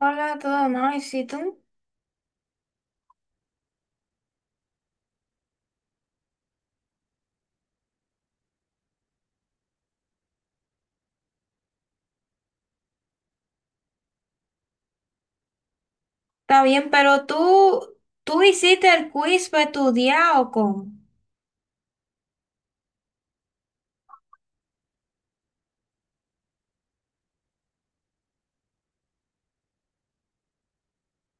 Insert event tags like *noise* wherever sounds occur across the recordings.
Hola, todo nice. ¿Y si tú? Está bien. ¿Pero tú hiciste el quiz para estudiar o cómo?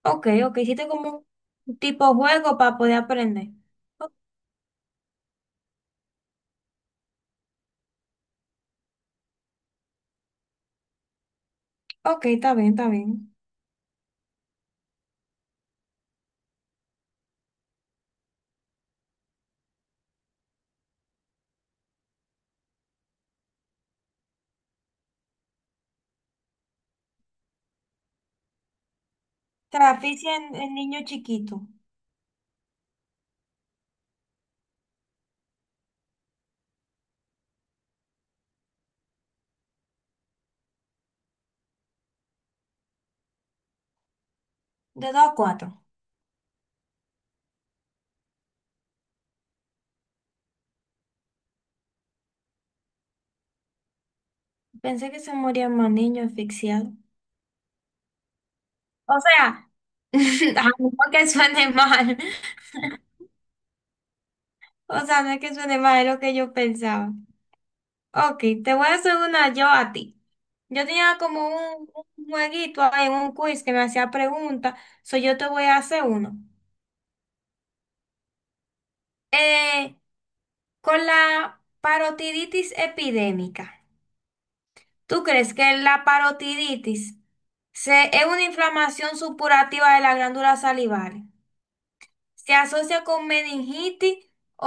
Ok, ok, hiciste como un tipo juego para poder aprender. O- Ok, está bien, está bien. Traficia en niño chiquito, de dos a cuatro. Pensé que se morían más niños asfixiados. O sea, *laughs* a lo mejor que suene mal. *laughs* O sea, no es que suene mal, es lo que yo pensaba. Ok, te voy a hacer una yo a ti. Yo tenía como un jueguito ahí, un quiz que me hacía preguntas, so yo te voy a hacer uno. Eh, con la parotiditis epidémica, ¿tú crees que la parotiditis es una inflamación supurativa de las glándulas salivales? ¿Se asocia con meningitis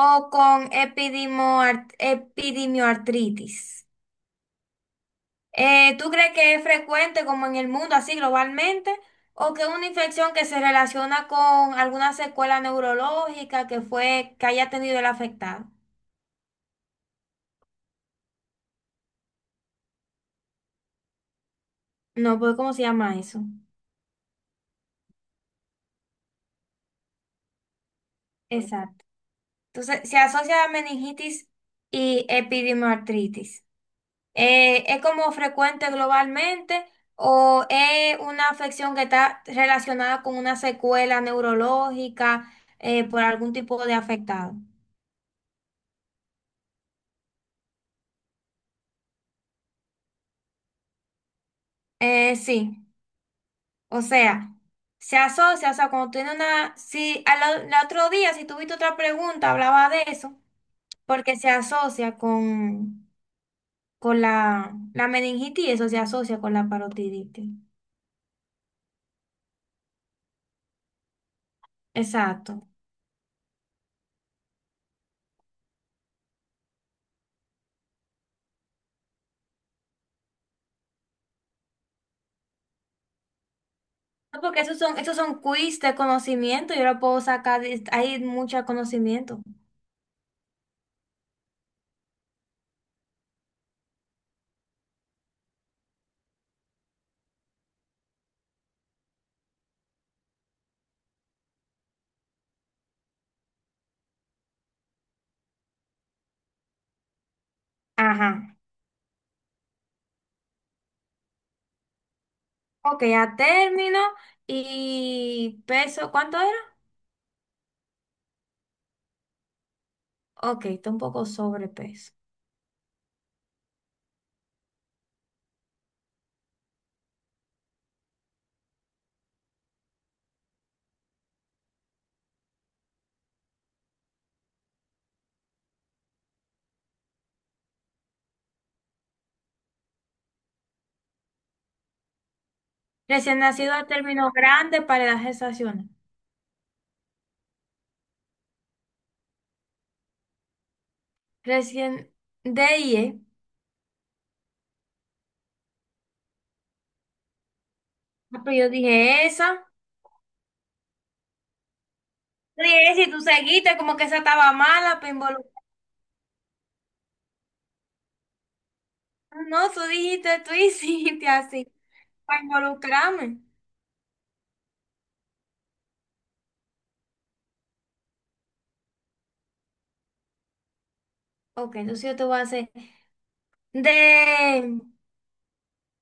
o con epidemioartritis? ¿Tú crees que es frecuente como en el mundo, así globalmente, o que es una infección que se relaciona con alguna secuela neurológica que haya tenido el afectado? No, pues ¿cómo se llama eso? Exacto. Entonces, se asocia a meningitis y epidimartritis. ¿Es como frecuente globalmente o es una afección que está relacionada con una secuela neurológica por algún tipo de afectado? Sí. O sea, se asocia, o sea, cuando tiene una, si al, o- el otro día, si tuviste otra pregunta, hablaba de eso, porque se asocia con la meningitis, eso se asocia con la parotiditis. Exacto. No, porque esos son quiz de conocimiento, yo lo puedo sacar, hay mucho conocimiento. Ajá. Ok, a término y peso, ¿cuánto era? Ok, está un poco sobrepeso. Recién nacido a término grande para la gestación. Recién de IE. Ah, pero yo dije esa. Yo dije, Si tú seguiste, como que esa estaba mala para involucrarme". No, tú dijiste, tú *laughs* hiciste así, para involucrarme. Ok, entonces yo te voy a hacer. De,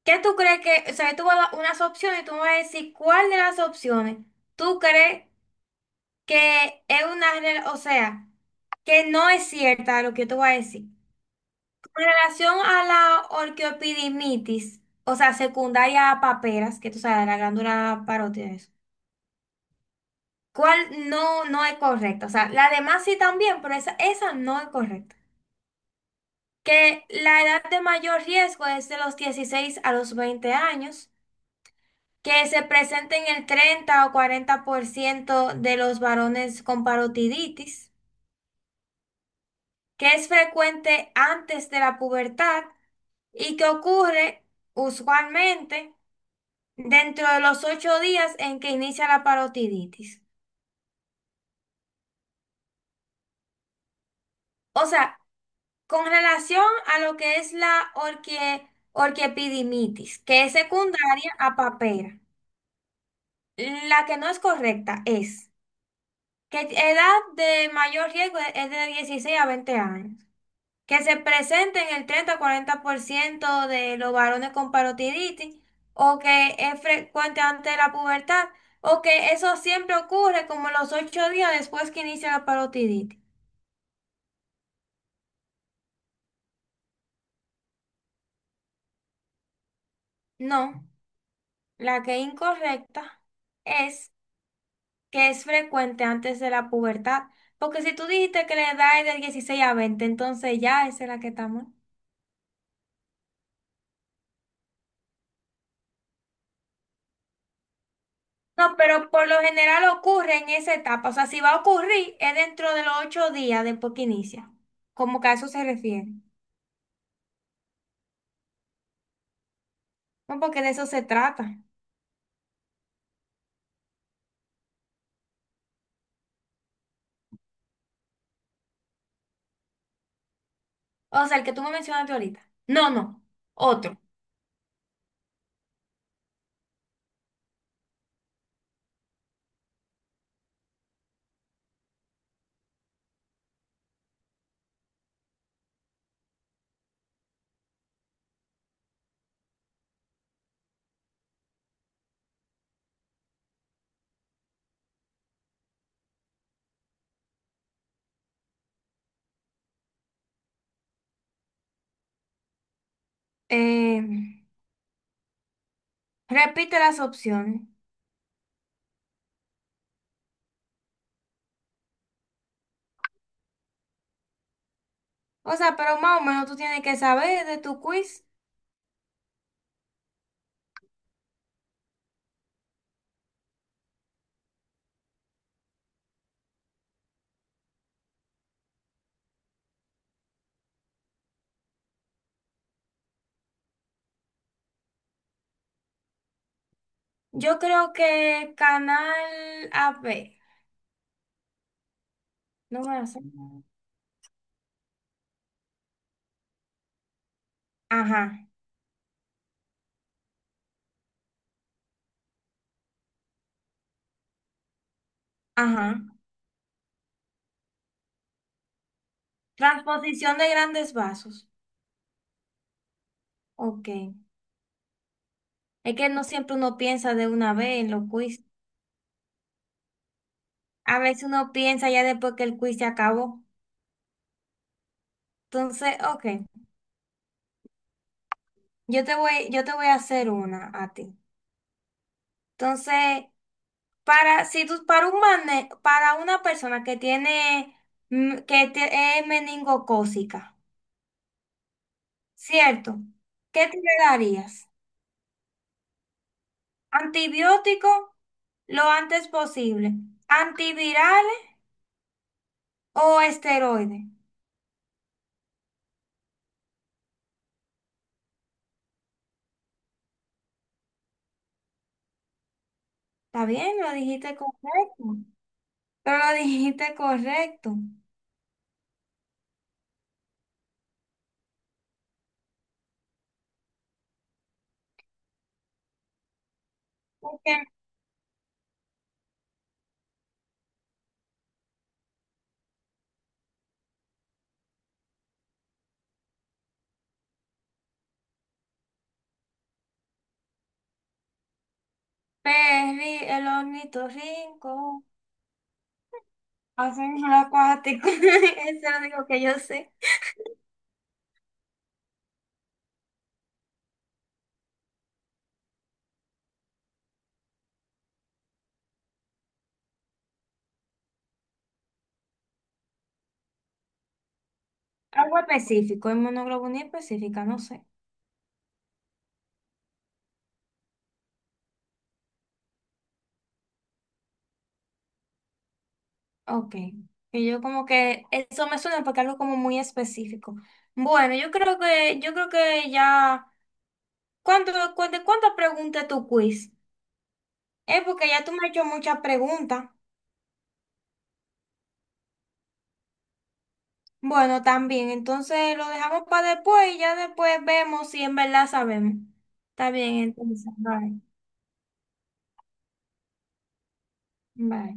¿Qué tú crees que, o sea, yo te voy a dar unas opciones y tú me vas a decir cuál de las opciones tú crees que es o sea, que no es cierta lo que yo te voy a decir? En relación a la orquiopidimitis, o sea, secundaria a paperas, que tú sabes, la glándula parótida, eso, ¿cuál no es correcta? O sea, la demás sí también, pero esa no es correcta. Que la edad de mayor riesgo es de los 16 a los 20 años, que se presenta en el 30 o 40% de los varones con parotiditis, que es frecuente antes de la pubertad y que ocurre usualmente dentro de los 8 días en que inicia la parotiditis. O sea, con relación a lo que es la orquiepididimitis, que es secundaria a papera, la que no es correcta es que edad de mayor riesgo es de 16 a 20 años, que se presente en el 30-40% de los varones con parotiditis, o que es frecuente antes de la pubertad, o que eso siempre ocurre como los 8 días después que inicia la parotiditis. No, la que es incorrecta es que es frecuente antes de la pubertad. Porque si tú dijiste que la edad es de 16 a 20, entonces ya esa es la que estamos. No, pero por lo general ocurre en esa etapa. O sea, si va a ocurrir, es dentro de los 8 días después que inicia. Como que a eso se refiere. No, porque de eso se trata. O sea, el que tú me mencionaste ahorita. No, no. Otro. Eh, repite las opciones. O sea, pero más o menos tú tienes que saber de tu quiz. Yo creo que canal AB, no me hace. Ajá, ajá. Transposición de grandes vasos. Ok. Es que no siempre uno piensa de una vez en los quiz. A veces uno piensa ya después que el quiz se acabó. Entonces, ok. Yo te voy a hacer una a ti. Entonces, para, si tú, para un mane- para una persona que tiene, es meningocócica, ¿cierto? ¿Qué te le darías? Antibiótico lo antes posible. Antivirales o esteroides. Está bien, lo dijiste correcto. Pero lo *laughs* dijiste correcto. Porque el ornitorrinco, hacen lo acuático. *laughs* Eso es lo único que yo sé. Algo específico, inmunoglobulina específica, no sé. Ok. Y yo como que eso me suena porque algo como muy específico. Bueno, yo creo que ya. ¿De cuántas preguntas tu quiz? Es porque ya tú me has hecho muchas preguntas. Bueno, también, entonces lo dejamos para después y ya después vemos si en verdad sabemos. Está bien, entonces, bye, bye.